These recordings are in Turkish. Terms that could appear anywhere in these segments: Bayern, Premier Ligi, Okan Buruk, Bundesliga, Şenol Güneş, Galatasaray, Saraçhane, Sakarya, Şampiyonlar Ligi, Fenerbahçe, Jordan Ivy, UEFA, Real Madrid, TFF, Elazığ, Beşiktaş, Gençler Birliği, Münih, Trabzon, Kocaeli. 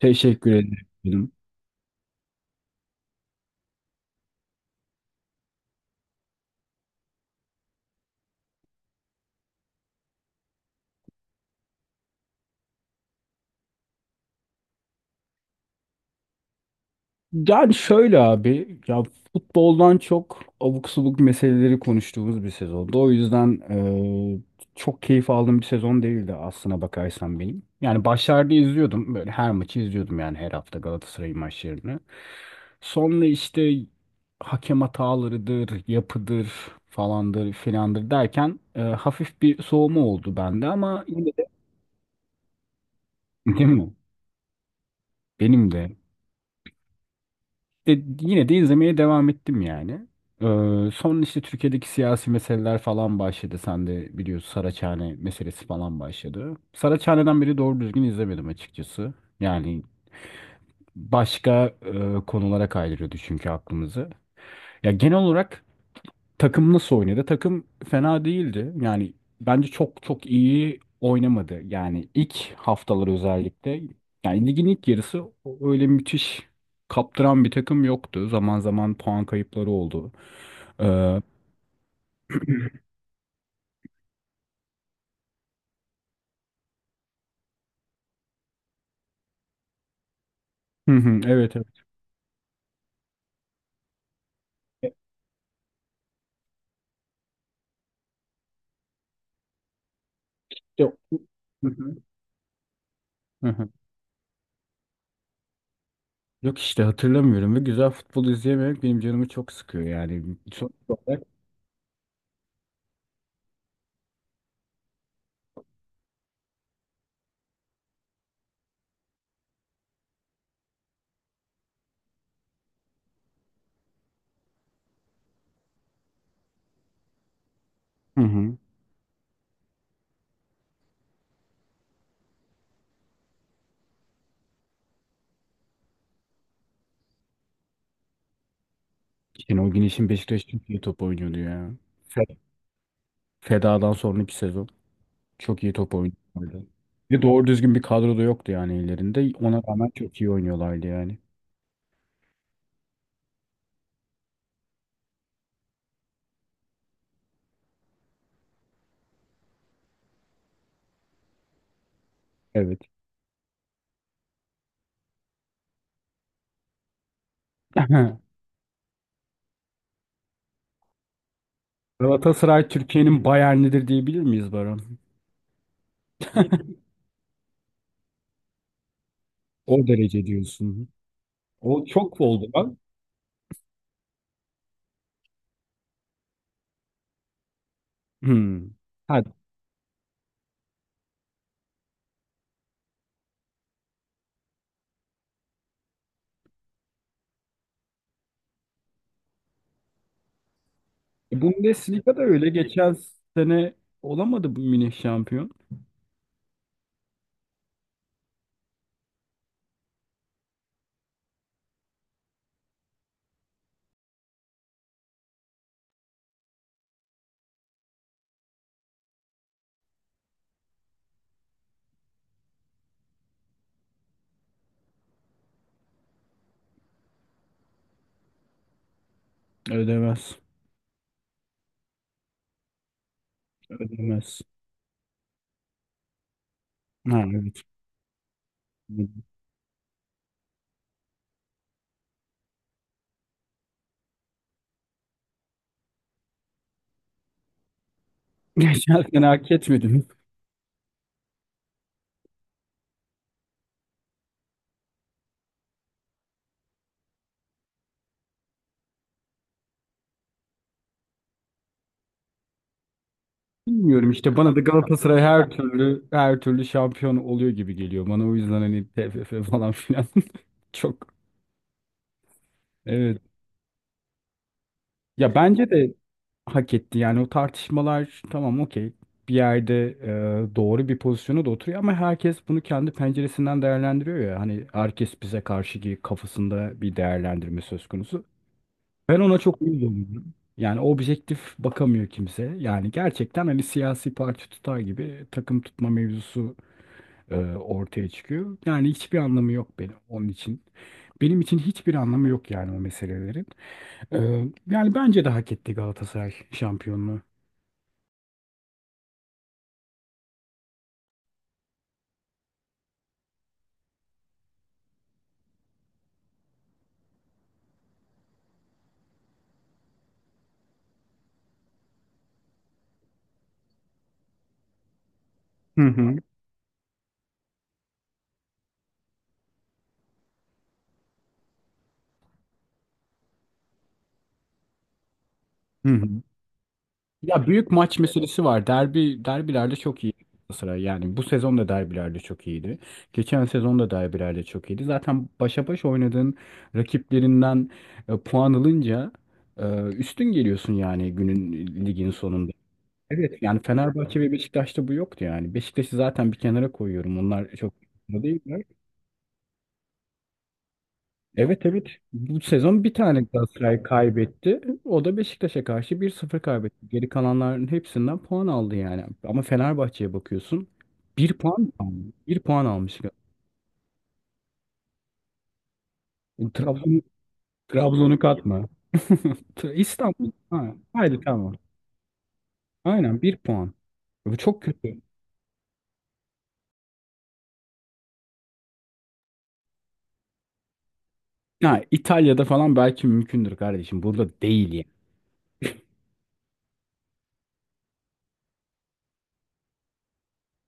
Teşekkür ederim. Yani şöyle abi, ya futboldan çok abuk subuk meseleleri konuştuğumuz bir sezondu. O yüzden çok keyif aldığım bir sezon değildi aslına bakarsan benim. Yani başlarda izliyordum, böyle her maçı izliyordum yani her hafta Galatasaray'ın maçlarını. Sonra işte hakem hatalarıdır, yapıdır falandır filandır derken hafif bir soğuma oldu bende ama yine de değil mi? Benim de. E, Yine de izlemeye devam ettim yani. Son işte Türkiye'deki siyasi meseleler falan başladı. Sen de biliyorsun Saraçhane meselesi falan başladı. Saraçhane'den beri doğru düzgün izlemedim açıkçası. Yani başka konulara kaydırıyordu çünkü aklımızı. Ya genel olarak takım nasıl oynadı? Takım fena değildi. Yani bence çok çok iyi oynamadı. Yani ilk haftalar özellikle. Yani ligin ilk yarısı öyle müthiş kaptıran bir takım yoktu. Zaman zaman puan kayıpları oldu. Hı hı, evet evet. E, Yok. Hı hı, hı hı. Yok işte hatırlamıyorum ve güzel futbol izleyememek benim canımı çok sıkıyor yani. Sonuç olarak. Hı hı. Şenol Güneş'in Beşiktaş çok iyi top oynuyordu ya. Fe- Feda'dan sonraki sezon. Çok iyi top oynuyorlardı. Bir de doğru düzgün bir kadro da yoktu yani ellerinde. Ona rağmen çok iyi oynuyorlardı yani. Evet. Galatasaray Türkiye'nin Bayern'idir diyebilir miyiz Baran? O derece diyorsun. O çok oldu lan. Hmm. Ha, Bundesliga da öyle. Geçen sene olamadı bu Münih şampiyon. Ödemez. Ödemez. Ha, evet. Geçen sene hak etmedi. Bilmiyorum işte, bana da Galatasaray her türlü her türlü şampiyon oluyor gibi geliyor bana. O yüzden hani TFF falan filan çok evet, ya bence de hak etti yani. O tartışmalar tamam, okey, bir yerde doğru bir pozisyona da oturuyor, ama herkes bunu kendi penceresinden değerlendiriyor ya. Hani herkes bize karşı ki kafasında bir değerlendirme söz konusu, ben ona çok üzülüyorum yani. Objektif bakamıyor kimse yani gerçekten, hani siyasi parti tutar gibi takım tutma mevzusu ortaya çıkıyor. Yani hiçbir anlamı yok benim onun için. Benim için hiçbir anlamı yok yani o meselelerin. E, Yani bence de hak etti Galatasaray şampiyonluğu. Hı hı. Hı hı. Ya büyük maç meselesi var. Derbilerde çok iyi Galatasaray. Yani bu sezon da derbilerde çok iyiydi. Geçen sezon da derbilerde çok iyiydi. Zaten başa baş oynadığın rakiplerinden puan alınca üstün geliyorsun yani ligin sonunda. Evet, yani Fenerbahçe ve Beşiktaş'ta bu yoktu yani. Beşiktaş'ı zaten bir kenara koyuyorum. Onlar çok da değiller. Evet, evet. Bu sezon bir tane Galatasaray kaybetti. O da Beşiktaş'a karşı 1-0 kaybetti. Geri kalanların hepsinden puan aldı yani. Ama Fenerbahçe'ye bakıyorsun. Bir puan almış. Bir puan almış. Trabzon, Trabzon'u katma. İstanbul. Ha, haydi tamam. Aynen, bir puan. Bu çok kötü. Ha, İtalya'da falan belki mümkündür kardeşim. Burada değil yani.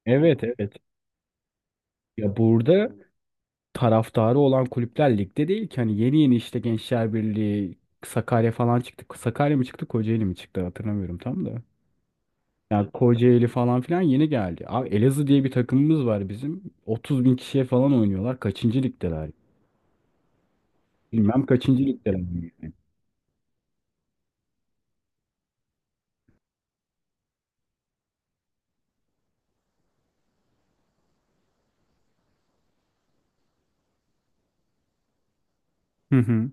Evet, evet. Ya burada taraftarı olan kulüpler ligde değil ki. Hani yeni yeni işte Gençler Birliği, Sakarya falan çıktı. Sakarya mı çıktı, Kocaeli mi çıktı hatırlamıyorum tam da. Yani Kocaeli falan filan yeni geldi. Abi Elazığ diye bir takımımız var bizim. 30 bin kişiye falan oynuyorlar. Kaçıncı ligdeler? Bilmem kaçıncı ligdeler. Yani. Hı hı.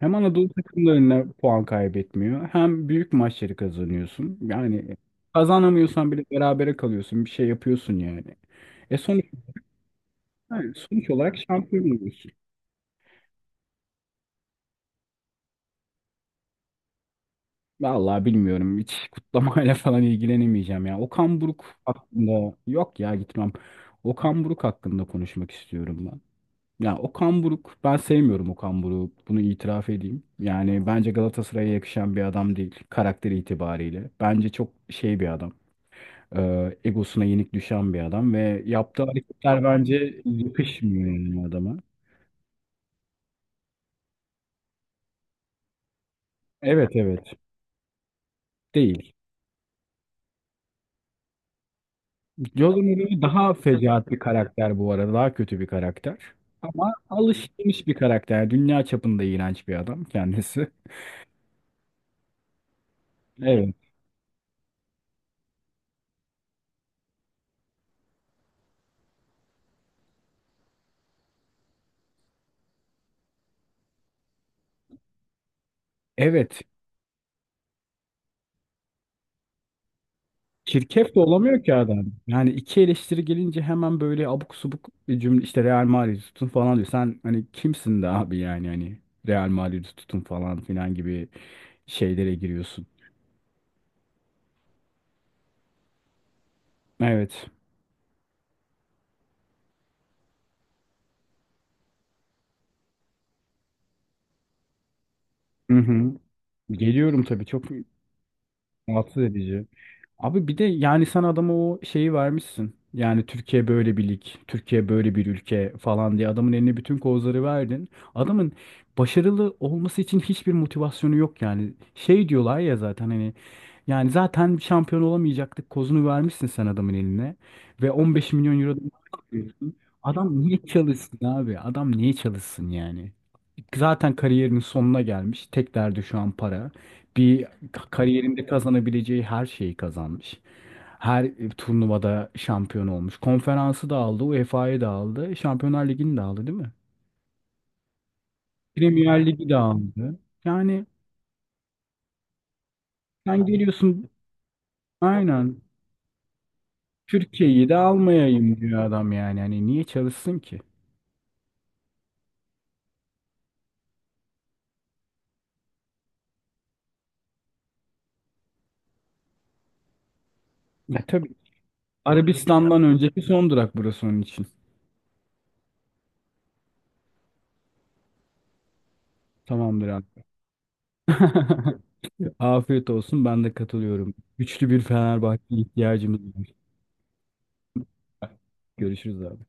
Hem Anadolu takımlarına puan kaybetmiyor, hem büyük maçları kazanıyorsun. Yani kazanamıyorsan bile berabere kalıyorsun. Bir şey yapıyorsun yani. E sonuç, yani sonuç olarak şampiyon oluyorsun. Vallahi bilmiyorum. Hiç kutlamayla falan ilgilenemeyeceğim ya. Okan Buruk hakkında, yok ya, gitmem. Okan Buruk hakkında konuşmak istiyorum ben. Ya Okan Buruk, ben sevmiyorum Okan Buruk. Bunu itiraf edeyim. Yani bence Galatasaray'a yakışan bir adam değil karakteri itibariyle. Bence çok şey bir adam. Egosuna yenik düşen bir adam ve yaptığı hareketler bence yakışmıyor yani adama. Evet, evet. Değil. Jordan Ivy daha fecaat bir karakter bu arada. Daha kötü bir karakter. Ama alışılmış bir karakter. Dünya çapında iğrenç bir adam kendisi. Evet. Evet. Çirkef de olamıyor ki adam. Yani iki eleştiri gelince hemen böyle abuk subuk bir cümle, işte Real Madrid'i tutun falan diyor. Sen hani kimsin de abi, yani hani Real Madrid'i tutun falan filan gibi şeylere giriyorsun. Evet. Hı hı. Geliyorum tabii, çok rahatsız edici. Abi bir de yani sen adama o şeyi vermişsin. Yani Türkiye böyle bir lig, Türkiye böyle bir ülke falan diye adamın eline bütün kozları verdin. Adamın başarılı olması için hiçbir motivasyonu yok yani. Şey diyorlar ya, zaten hani yani zaten şampiyon olamayacaktık kozunu vermişsin sen adamın eline. Ve 15 milyon euro da maaş veriyorsun. Adam niye çalışsın abi? Adam niye çalışsın yani? Zaten kariyerinin sonuna gelmiş. Tek derdi şu an para. Bir kariyerinde kazanabileceği her şeyi kazanmış. Her turnuvada şampiyon olmuş. Konferansı da aldı, UEFA'yı da aldı, Şampiyonlar Ligi'ni de aldı, değil mi? Premier Ligi de aldı. Yani sen geliyorsun, aynen, Türkiye'yi de almayayım diyor adam yani. Yani niye çalışsın ki? E tabii. Arabistan'dan önceki son durak burası onun için. Tamamdır abi. Afiyet olsun. Ben de katılıyorum. Güçlü bir Fenerbahçe ihtiyacımız var. Görüşürüz abi.